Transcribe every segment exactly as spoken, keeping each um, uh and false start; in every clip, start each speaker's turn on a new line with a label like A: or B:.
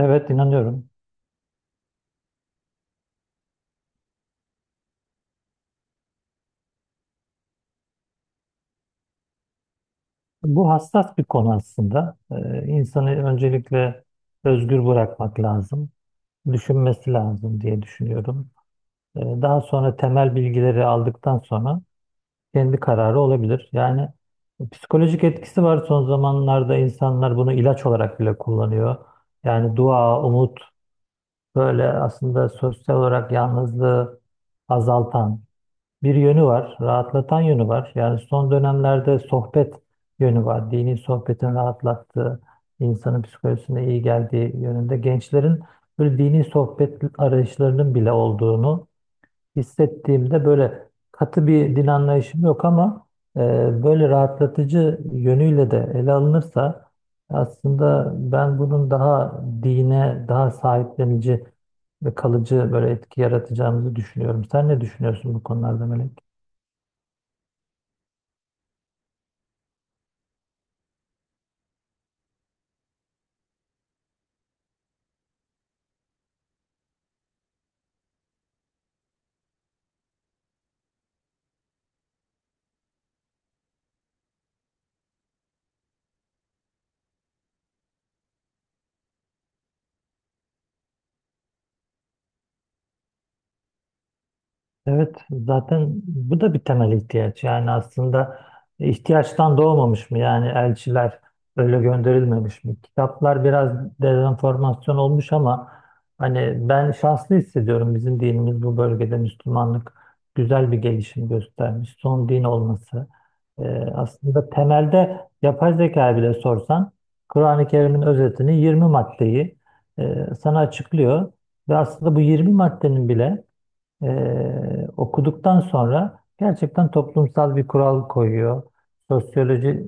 A: Evet inanıyorum. Bu hassas bir konu aslında. Ee, insanı öncelikle özgür bırakmak lazım. Düşünmesi lazım diye düşünüyorum. Ee, daha sonra temel bilgileri aldıktan sonra kendi kararı olabilir. Yani psikolojik etkisi var, son zamanlarda insanlar bunu ilaç olarak bile kullanıyor. Yani dua, umut böyle aslında sosyal olarak yalnızlığı azaltan bir yönü var, rahatlatan yönü var. Yani son dönemlerde sohbet yönü var. Dini sohbetin rahatlattığı, insanın psikolojisine iyi geldiği yönünde. Gençlerin böyle dini sohbet arayışlarının bile olduğunu hissettiğimde, böyle katı bir din anlayışım yok, ama e, böyle rahatlatıcı yönüyle de ele alınırsa aslında ben bunun daha dine, daha sahiplenici ve kalıcı böyle etki yaratacağımızı düşünüyorum. Sen ne düşünüyorsun bu konularda, Melek? Evet, zaten bu da bir temel ihtiyaç. Yani aslında ihtiyaçtan doğmamış mı? Yani elçiler öyle gönderilmemiş mi? Kitaplar biraz dezenformasyon olmuş, ama hani ben şanslı hissediyorum. Bizim dinimiz bu bölgede, Müslümanlık güzel bir gelişim göstermiş. Son din olması. Ee, aslında temelde yapay zeka bile sorsan Kur'an-ı Kerim'in özetini, yirmi maddeyi, e, sana açıklıyor. Ve aslında bu yirmi maddenin bile, ee, okuduktan sonra, gerçekten toplumsal bir kural koyuyor. Sosyolojik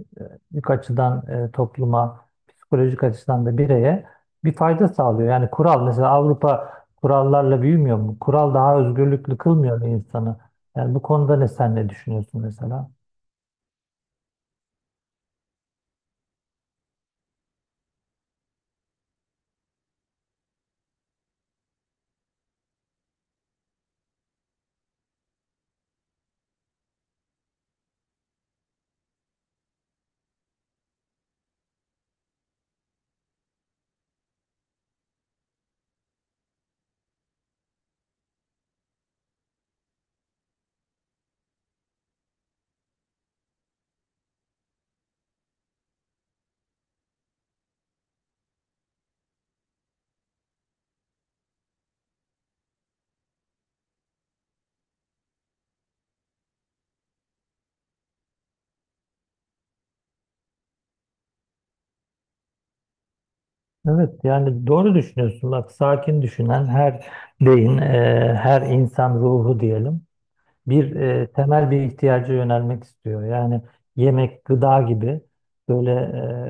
A: açıdan e, topluma, psikolojik açıdan da bireye bir fayda sağlıyor. Yani kural, mesela Avrupa kurallarla büyümüyor mu? Kural daha özgürlüklü kılmıyor mu insanı? Yani bu konuda ne sen ne düşünüyorsun mesela? Evet yani doğru düşünüyorsun. Bak, sakin düşünen her beyin, e, her insan ruhu diyelim, bir e, temel bir ihtiyaca yönelmek istiyor. Yani yemek, gıda gibi, böyle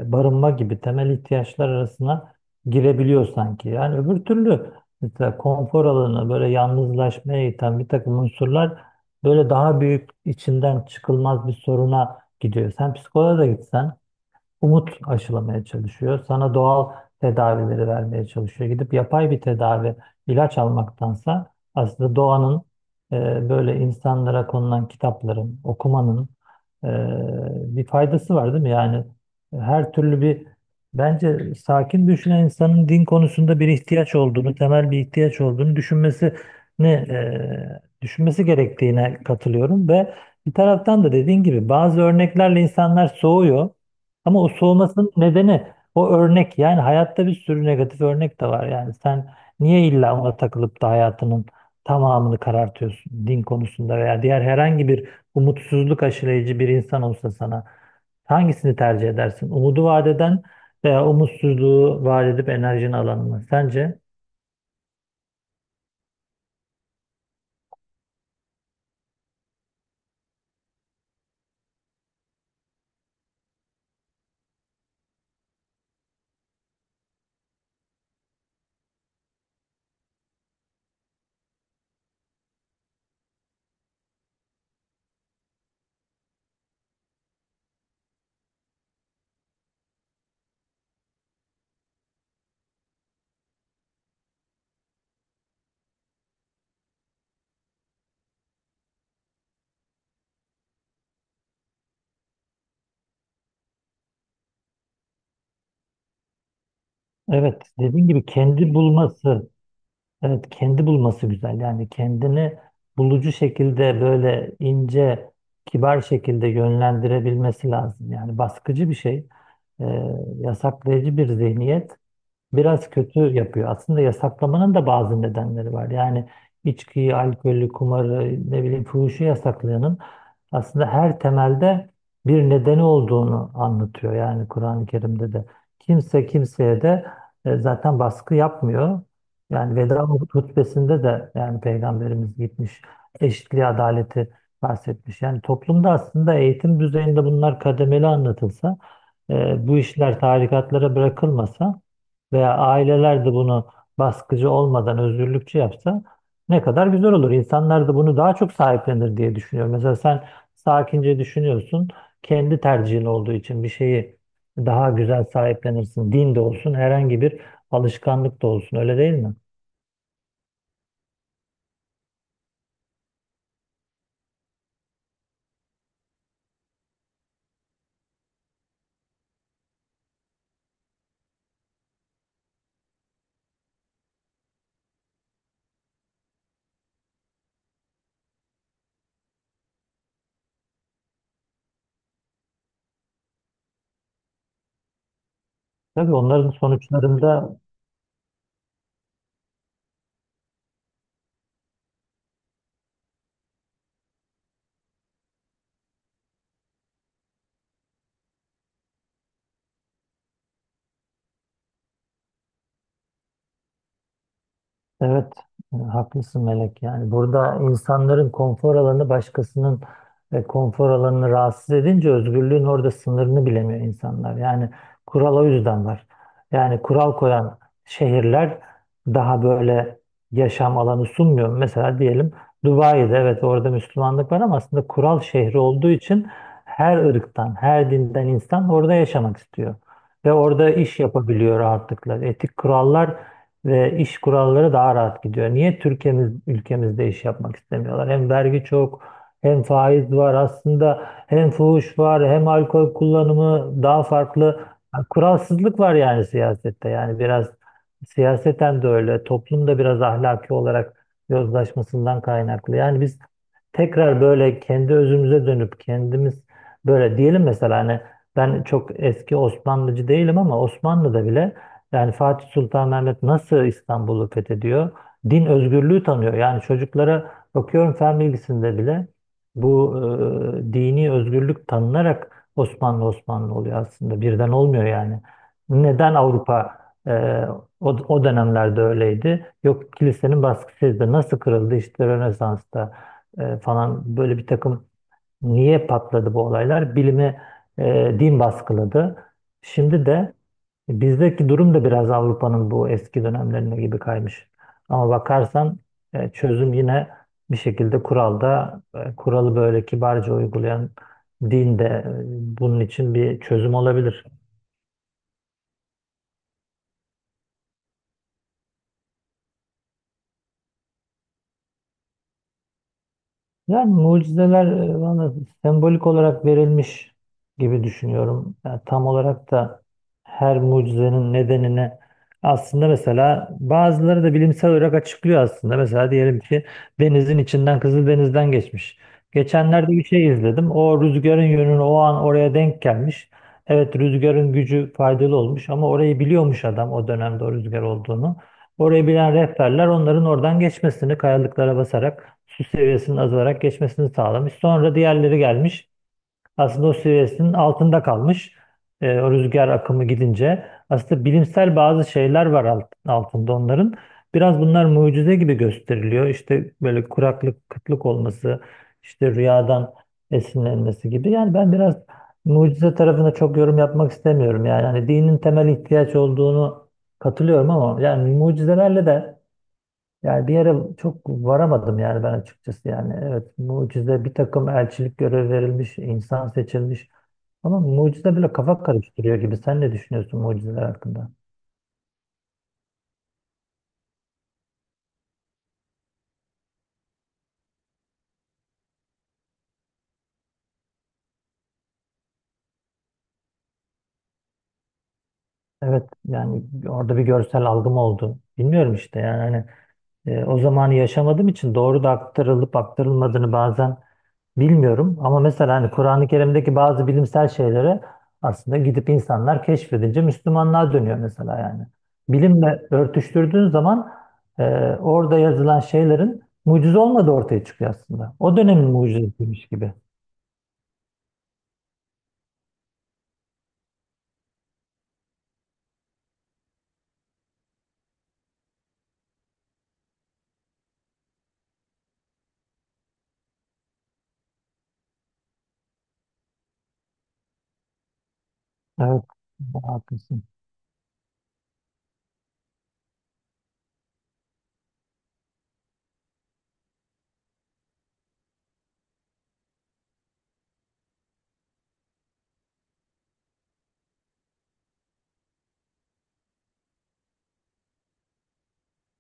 A: e, barınma gibi temel ihtiyaçlar arasına girebiliyor sanki. Yani öbür türlü mesela konfor alanı, böyle yalnızlaşmaya iten bir takım unsurlar, böyle daha büyük içinden çıkılmaz bir soruna gidiyor. Sen psikoloğa da gitsen umut aşılamaya çalışıyor. Sana doğal tedavileri vermeye çalışıyor. Gidip yapay bir tedavi, ilaç almaktansa aslında doğanın, e, böyle insanlara konulan kitapların, okumanın e, bir faydası var değil mi? Yani her türlü, bir bence sakin düşünen insanın din konusunda bir ihtiyaç olduğunu, temel bir ihtiyaç olduğunu düşünmesini, e, düşünmesi gerektiğine katılıyorum ve bir taraftan da dediğin gibi bazı örneklerle insanlar soğuyor. Ama o soğumasının nedeni o örnek. Yani hayatta bir sürü negatif örnek de var. Yani sen niye illa ona takılıp da hayatının tamamını karartıyorsun din konusunda veya diğer herhangi bir, umutsuzluk aşılayıcı bir insan olsa sana, hangisini tercih edersin? Umudu vaat eden veya umutsuzluğu vaat edip enerjini alan mı? Sence? Evet, dediğin gibi kendi bulması. Evet kendi bulması güzel. Yani kendini bulucu şekilde, böyle ince, kibar şekilde yönlendirebilmesi lazım. Yani baskıcı bir şey, e, yasaklayıcı bir zihniyet biraz kötü yapıyor. Aslında yasaklamanın da bazı nedenleri var. Yani içkiyi, alkolü, kumarı, ne bileyim fuhuşu yasaklayanın aslında her temelde bir nedeni olduğunu anlatıyor. Yani Kur'an-ı Kerim'de de kimse kimseye de e, zaten baskı yapmıyor. Yani veda hutbesinde de, yani Peygamberimiz gitmiş eşitliği, adaleti bahsetmiş. Yani toplumda aslında eğitim düzeyinde bunlar kademeli anlatılsa, e, bu işler tarikatlara bırakılmasa, veya aileler de bunu baskıcı olmadan özgürlükçü yapsa, ne kadar güzel olur. İnsanlar da bunu daha çok sahiplenir diye düşünüyorum. Mesela sen sakince düşünüyorsun, kendi tercihin olduğu için bir şeyi daha güzel sahiplenirsin. Din de olsun, herhangi bir alışkanlık da olsun. Öyle değil mi? Tabii onların sonuçlarında. Evet, e, haklısın Melek. Yani burada insanların konfor alanı, başkasının e, konfor alanını rahatsız edince, özgürlüğün orada sınırını bilemiyor insanlar. Yani kural o yüzden var. Yani kural koyan şehirler daha böyle yaşam alanı sunmuyor. Mesela diyelim, Dubai'de evet orada Müslümanlık var, ama aslında kural şehri olduğu için her ırktan, her dinden insan orada yaşamak istiyor. Ve orada iş yapabiliyor rahatlıkla. Etik kurallar ve iş kuralları daha rahat gidiyor. Niye Türkiye'miz, ülkemizde iş yapmak istemiyorlar? Hem vergi çok, hem faiz var aslında, hem fuhuş var, hem alkol kullanımı daha farklı. Yani kuralsızlık var, yani siyasette. Yani biraz siyaseten de öyle, toplum da biraz ahlaki olarak yozlaşmasından kaynaklı. Yani biz tekrar böyle kendi özümüze dönüp, kendimiz böyle diyelim, mesela hani ben çok eski Osmanlıcı değilim, ama Osmanlı'da bile, yani Fatih Sultan Mehmet nasıl İstanbul'u fethediyor? Din özgürlüğü tanıyor. Yani çocuklara bakıyorum, fen bilgisinde bile bu e, dini özgürlük tanınarak Osmanlı Osmanlı oluyor aslında. Birden olmuyor yani. Neden Avrupa, e, o, o dönemlerde öyleydi? Yok, kilisenin baskısıydı. Nasıl kırıldı? İşte Rönesans'ta e, falan, böyle bir takım. Niye patladı bu olaylar? Bilimi e, din baskıladı. Şimdi de bizdeki durum da biraz Avrupa'nın bu eski dönemlerine gibi kaymış. Ama bakarsan e, çözüm yine bir şekilde kuralda, e, kuralı böyle kibarca uygulayan din de e, bunun için bir çözüm olabilir. Yani mucizeler e, bana sembolik olarak verilmiş gibi düşünüyorum. Yani tam olarak da her mucizenin nedenini, aslında mesela bazıları da bilimsel olarak açıklıyor aslında. Mesela diyelim ki, denizin içinden, Kızıldeniz'den geçmiş. Geçenlerde bir şey izledim. O rüzgarın yönünü o an oraya denk gelmiş. Evet, rüzgarın gücü faydalı olmuş, ama orayı biliyormuş adam, o dönemde o rüzgar olduğunu. Orayı bilen rehberler, onların oradan geçmesini kayalıklara basarak, su seviyesinin azalarak geçmesini sağlamış. Sonra diğerleri gelmiş. Aslında o seviyesinin altında kalmış. E, o rüzgar akımı gidince. Aslında bilimsel bazı şeyler var alt, altında onların. Biraz bunlar mucize gibi gösteriliyor. İşte böyle kuraklık, kıtlık olması, işte rüyadan esinlenmesi gibi. Yani ben biraz mucize tarafına çok yorum yapmak istemiyorum. Yani hani dinin temel ihtiyaç olduğunu katılıyorum, ama yani mucizelerle de, yani bir yere çok varamadım yani ben, açıkçası. Yani evet, mucize, bir takım elçilik görev verilmiş, insan seçilmiş, ama mucize bile kafa karıştırıyor gibi. Sen ne düşünüyorsun mucizeler hakkında? Evet yani orada bir görsel algım oldu, bilmiyorum işte, yani hani E, o zamanı yaşamadığım için doğru da aktarılıp aktarılmadığını bazen bilmiyorum. Ama mesela hani Kur'an-ı Kerim'deki bazı bilimsel şeylere aslında gidip insanlar keşfedince Müslümanlığa dönüyor mesela yani. Bilimle örtüştürdüğün zaman e, orada yazılan şeylerin mucize olmadığı ortaya çıkıyor aslında. O dönemin mucizesiymiş gibi. Evet, haklısın.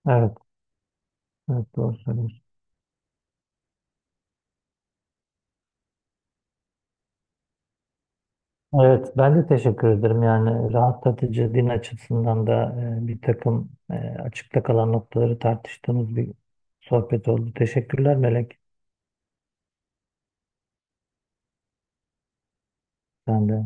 A: Evet, evet doğru söylüyorsun. Evet, ben de teşekkür ederim. Yani rahatlatıcı din açısından da e, bir takım e, açıkta kalan noktaları tartıştığımız bir sohbet oldu. Teşekkürler Melek. Ben de.